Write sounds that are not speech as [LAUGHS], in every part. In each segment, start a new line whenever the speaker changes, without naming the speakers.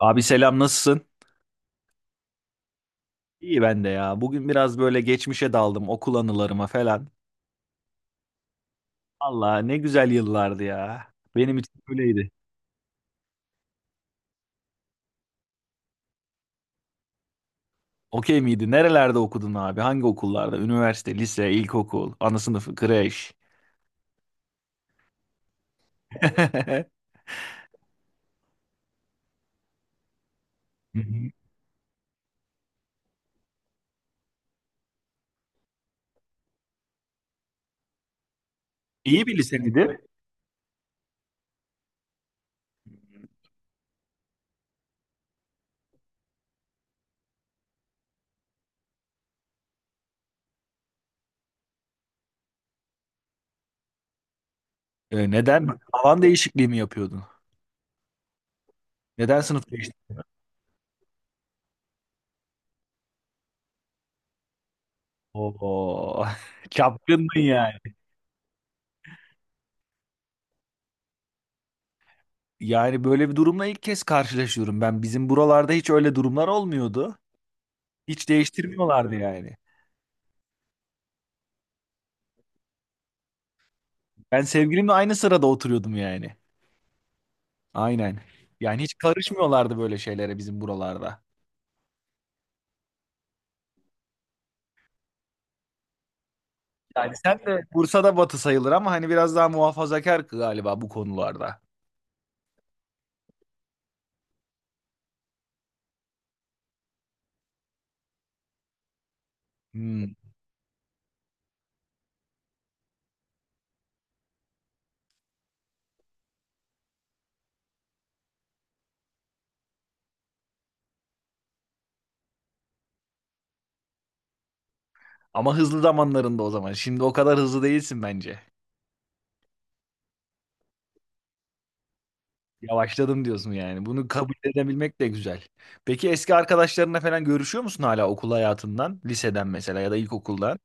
Abi selam nasılsın? İyi ben de ya. Bugün biraz böyle geçmişe daldım okul anılarıma falan. Allah ne güzel yıllardı ya. Benim için öyleydi. Okey miydi? Nerelerde okudun abi? Hangi okullarda? Üniversite, lise, ilkokul, ana sınıfı, kreş. [LAUGHS] Hı hı. İyi bir lise miydi? Neden? Alan değişikliği mi yapıyordun? Neden sınıf değiştirdin? Oo, [LAUGHS] çapkındın yani. Yani böyle bir durumla ilk kez karşılaşıyorum ben. Bizim buralarda hiç öyle durumlar olmuyordu. Hiç değiştirmiyorlardı yani. Ben sevgilimle aynı sırada oturuyordum yani. Aynen. Yani hiç karışmıyorlardı böyle şeylere bizim buralarda. Yani sen de Bursa'da batı sayılır ama hani biraz daha muhafazakar galiba bu konularda. Hmm. Ama hızlı zamanlarında o zaman. Şimdi o kadar hızlı değilsin bence. Yavaşladım diyorsun yani. Bunu kabul edebilmek de güzel. Peki eski arkadaşlarına falan görüşüyor musun hala okul hayatından? Liseden mesela ya da ilkokuldan?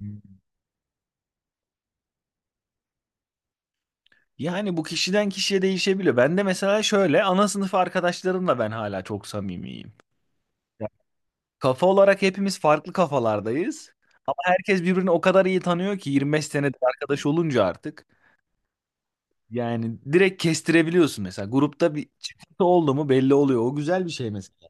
Hmm. Yani bu kişiden kişiye değişebiliyor. Ben de mesela şöyle ana sınıf arkadaşlarımla ben hala çok samimiyim. Kafa olarak hepimiz farklı kafalardayız. Ama herkes birbirini o kadar iyi tanıyor ki 25 senedir arkadaş olunca artık. Yani direkt kestirebiliyorsun mesela. Grupta bir çıkıntı oldu mu belli oluyor. O güzel bir şey mesela.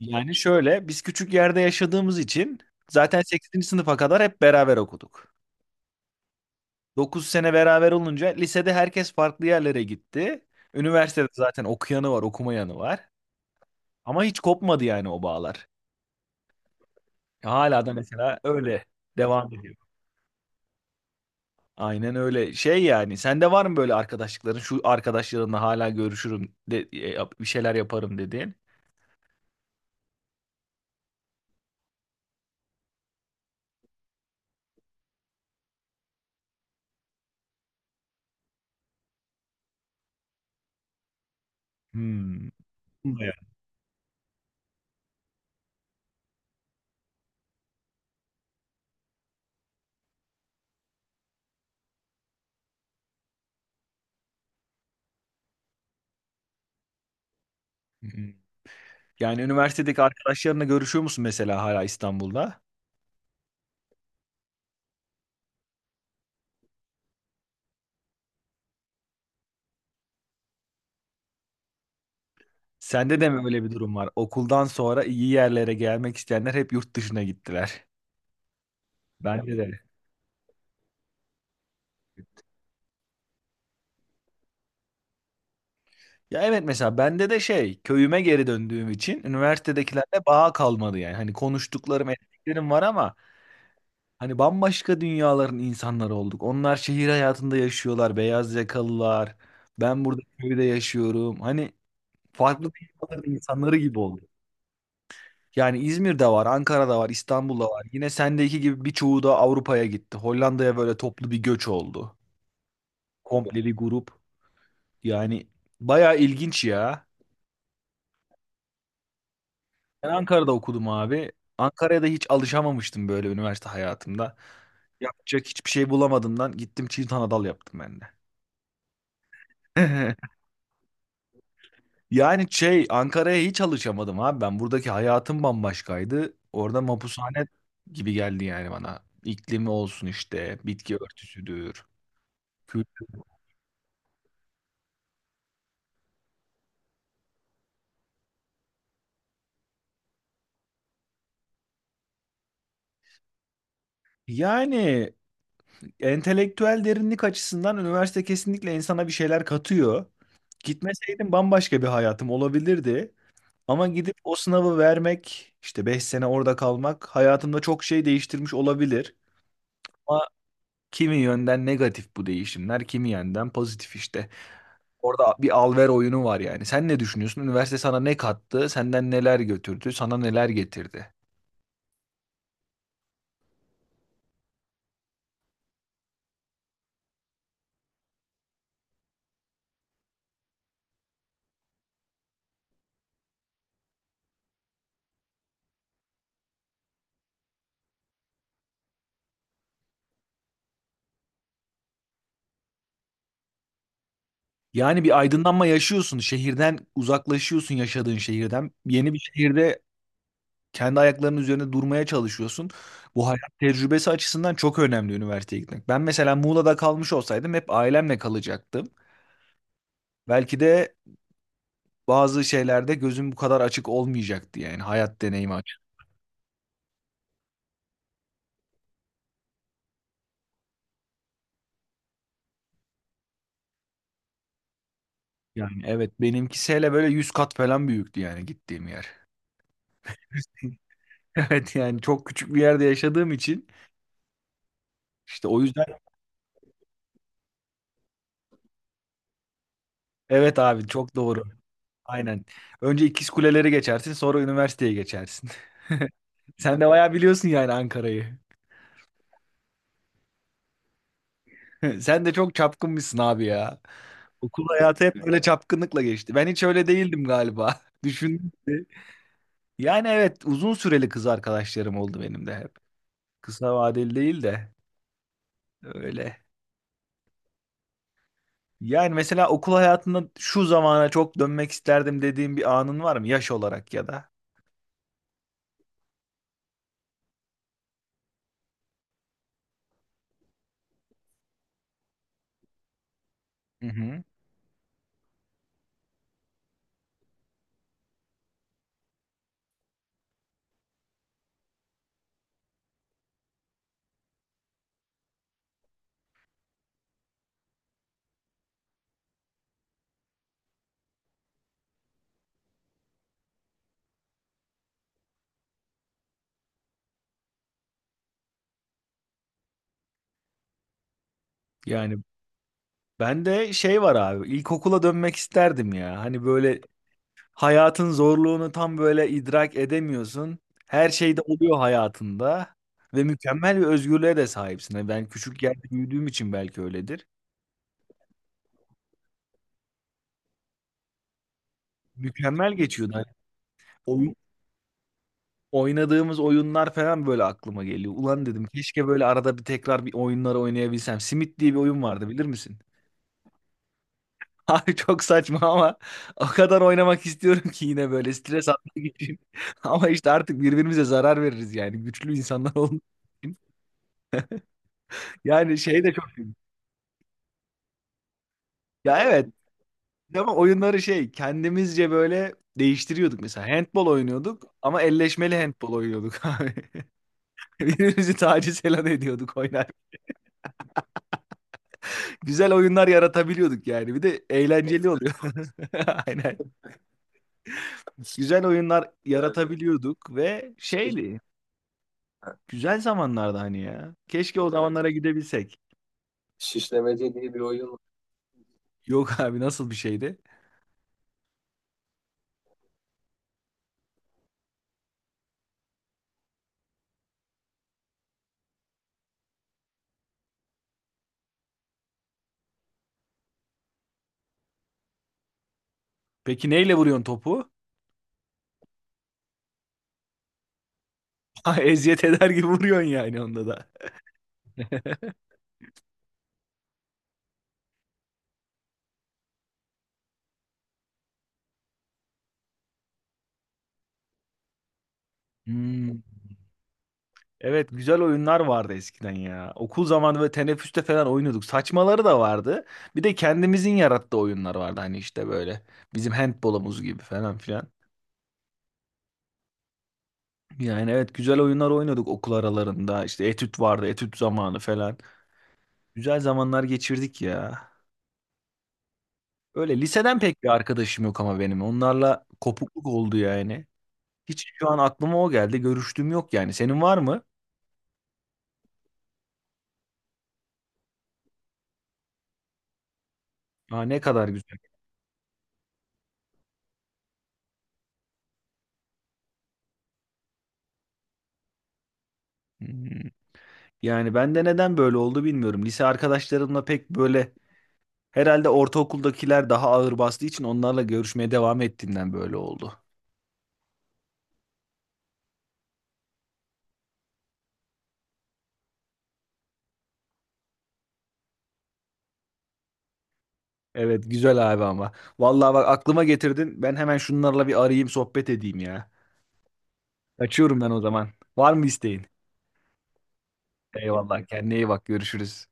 Yani şöyle biz küçük yerde yaşadığımız için zaten 8. sınıfa kadar hep beraber okuduk. 9 sene beraber olunca lisede herkes farklı yerlere gitti. Üniversitede zaten okuyanı var, okumayanı var. Ama hiç kopmadı yani o bağlar. Hala da mesela öyle devam ediyor. Aynen öyle. Şey yani sende var mı böyle arkadaşlıkların şu arkadaşlarınla hala görüşürüm de, bir şeyler yaparım dediğin? Hmm. Bayağı. Hmm. Yani üniversitedeki arkadaşlarınla görüşüyor musun mesela hala İstanbul'da? Sende de mi öyle bir durum var? Okuldan sonra iyi yerlere gelmek isteyenler hep yurt dışına gittiler. Bende de. Ya evet mesela bende de şey köyüme geri döndüğüm için üniversitedekilerle bağ kalmadı yani. Hani konuştuklarım ettiklerim var ama hani bambaşka dünyaların insanları olduk. Onlar şehir hayatında yaşıyorlar, beyaz yakalılar. Ben burada köyde yaşıyorum. Hani farklı dünyaların insanları gibi olduk. Yani İzmir'de var, Ankara'da var, İstanbul'da var. Yine sendeki gibi birçoğu da Avrupa'ya gitti. Hollanda'ya böyle toplu bir göç oldu. Komple bir grup. Yani bayağı ilginç ya. Ben Ankara'da okudum abi. Ankara'ya da hiç alışamamıştım böyle üniversite hayatımda. Yapacak hiçbir şey bulamadığımdan gittim çift anadal yaptım ben de. [LAUGHS] Yani şey Ankara'ya hiç alışamadım abi. Ben buradaki hayatım bambaşkaydı. Orada mapushane gibi geldi yani bana. İklimi olsun işte, bitki örtüsüdür, kültür. Yani entelektüel derinlik açısından üniversite kesinlikle insana bir şeyler katıyor. Gitmeseydim bambaşka bir hayatım olabilirdi. Ama gidip o sınavı vermek, işte 5 sene orada kalmak hayatımda çok şey değiştirmiş olabilir. Ama kimi yönden negatif bu değişimler, kimi yönden pozitif işte. Orada bir al-ver oyunu var yani. Sen ne düşünüyorsun? Üniversite sana ne kattı? Senden neler götürdü? Sana neler getirdi? Yani bir aydınlanma yaşıyorsun. Şehirden uzaklaşıyorsun yaşadığın şehirden. Yeni bir şehirde kendi ayaklarının üzerinde durmaya çalışıyorsun. Bu hayat tecrübesi açısından çok önemli üniversiteye gitmek. Ben mesela Muğla'da kalmış olsaydım hep ailemle kalacaktım. Belki de bazı şeylerde gözüm bu kadar açık olmayacaktı yani hayat deneyimi açık. Yani evet benimkisi hele böyle 100 kat falan büyüktü yani gittiğim yer. [LAUGHS] Evet yani çok küçük bir yerde yaşadığım için işte o yüzden evet abi çok doğru. Aynen. Önce İkiz Kuleleri geçersin sonra üniversiteye geçersin. [LAUGHS] Sen de bayağı biliyorsun yani Ankara'yı. [LAUGHS] Sen de çok çapkınmışsın abi ya. Okul hayatı hep böyle çapkınlıkla geçti. Ben hiç öyle değildim galiba. [LAUGHS] Düşün. Yani evet uzun süreli kız arkadaşlarım oldu benim de hep. Kısa vadeli değil de öyle. Yani mesela okul hayatında şu zamana çok dönmek isterdim dediğim bir anın var mı yaş olarak ya da? Hı hı. Yani ben de şey var abi ilkokula dönmek isterdim ya. Hani böyle hayatın zorluğunu tam böyle idrak edemiyorsun. Her şey de oluyor hayatında ve mükemmel bir özgürlüğe de sahipsin. Hani ben küçük yerde büyüdüğüm için belki öyledir. Mükemmel geçiyordu. Hani oynadığımız oyunlar falan böyle aklıma geliyor. Ulan dedim keşke böyle arada bir tekrar bir oyunları oynayabilsem. Simit diye bir oyun vardı bilir misin? [LAUGHS] Abi çok saçma ama o kadar oynamak istiyorum ki yine böyle stres atmak için. [LAUGHS] Ama işte artık birbirimize zarar veririz yani güçlü insanlar [LAUGHS] olduğumuz için. Yani şey de çok iyi. Ya evet ama oyunları şey kendimizce böyle değiştiriyorduk mesela. Handball oynuyorduk ama elleşmeli handball oynuyorduk abi. [LAUGHS] Birbirimizi taciz falan ediyorduk oynarken. Güzel oyunlar yaratabiliyorduk yani. Bir de eğlenceli oluyor. [LAUGHS] Aynen. Güzel oyunlar yaratabiliyorduk ve şeydi. Güzel zamanlardı hani ya. Keşke o, evet, zamanlara gidebilsek. Şişlemece diye bir oyun var. Yok abi nasıl bir şeydi? Peki neyle vuruyorsun topu? [LAUGHS] Ha, eziyet eder gibi vuruyorsun yani onda da. [LAUGHS] Hmm. Evet güzel oyunlar vardı eskiden ya. Okul zamanı böyle teneffüste falan oynuyorduk. Saçmaları da vardı. Bir de kendimizin yarattığı oyunlar vardı hani işte böyle. Bizim handbolumuz gibi falan filan. Yani evet güzel oyunlar oynuyorduk okul aralarında. İşte etüt vardı, etüt zamanı falan. Güzel zamanlar geçirdik ya. Öyle liseden pek bir arkadaşım yok ama benim. Onlarla kopukluk oldu yani. Hiç şu an aklıma o geldi. Görüştüğüm yok yani. Senin var mı? Aa, ne kadar güzel. Hmm. Yani ben de neden böyle oldu bilmiyorum. Lise arkadaşlarımla pek böyle herhalde ortaokuldakiler daha ağır bastığı için onlarla görüşmeye devam ettiğimden böyle oldu. Evet güzel abi ama. Vallahi bak aklıma getirdin. Ben hemen şunlarla bir arayayım sohbet edeyim ya. Kaçıyorum ben o zaman. Var mı isteğin? Eyvallah kendine iyi bak görüşürüz.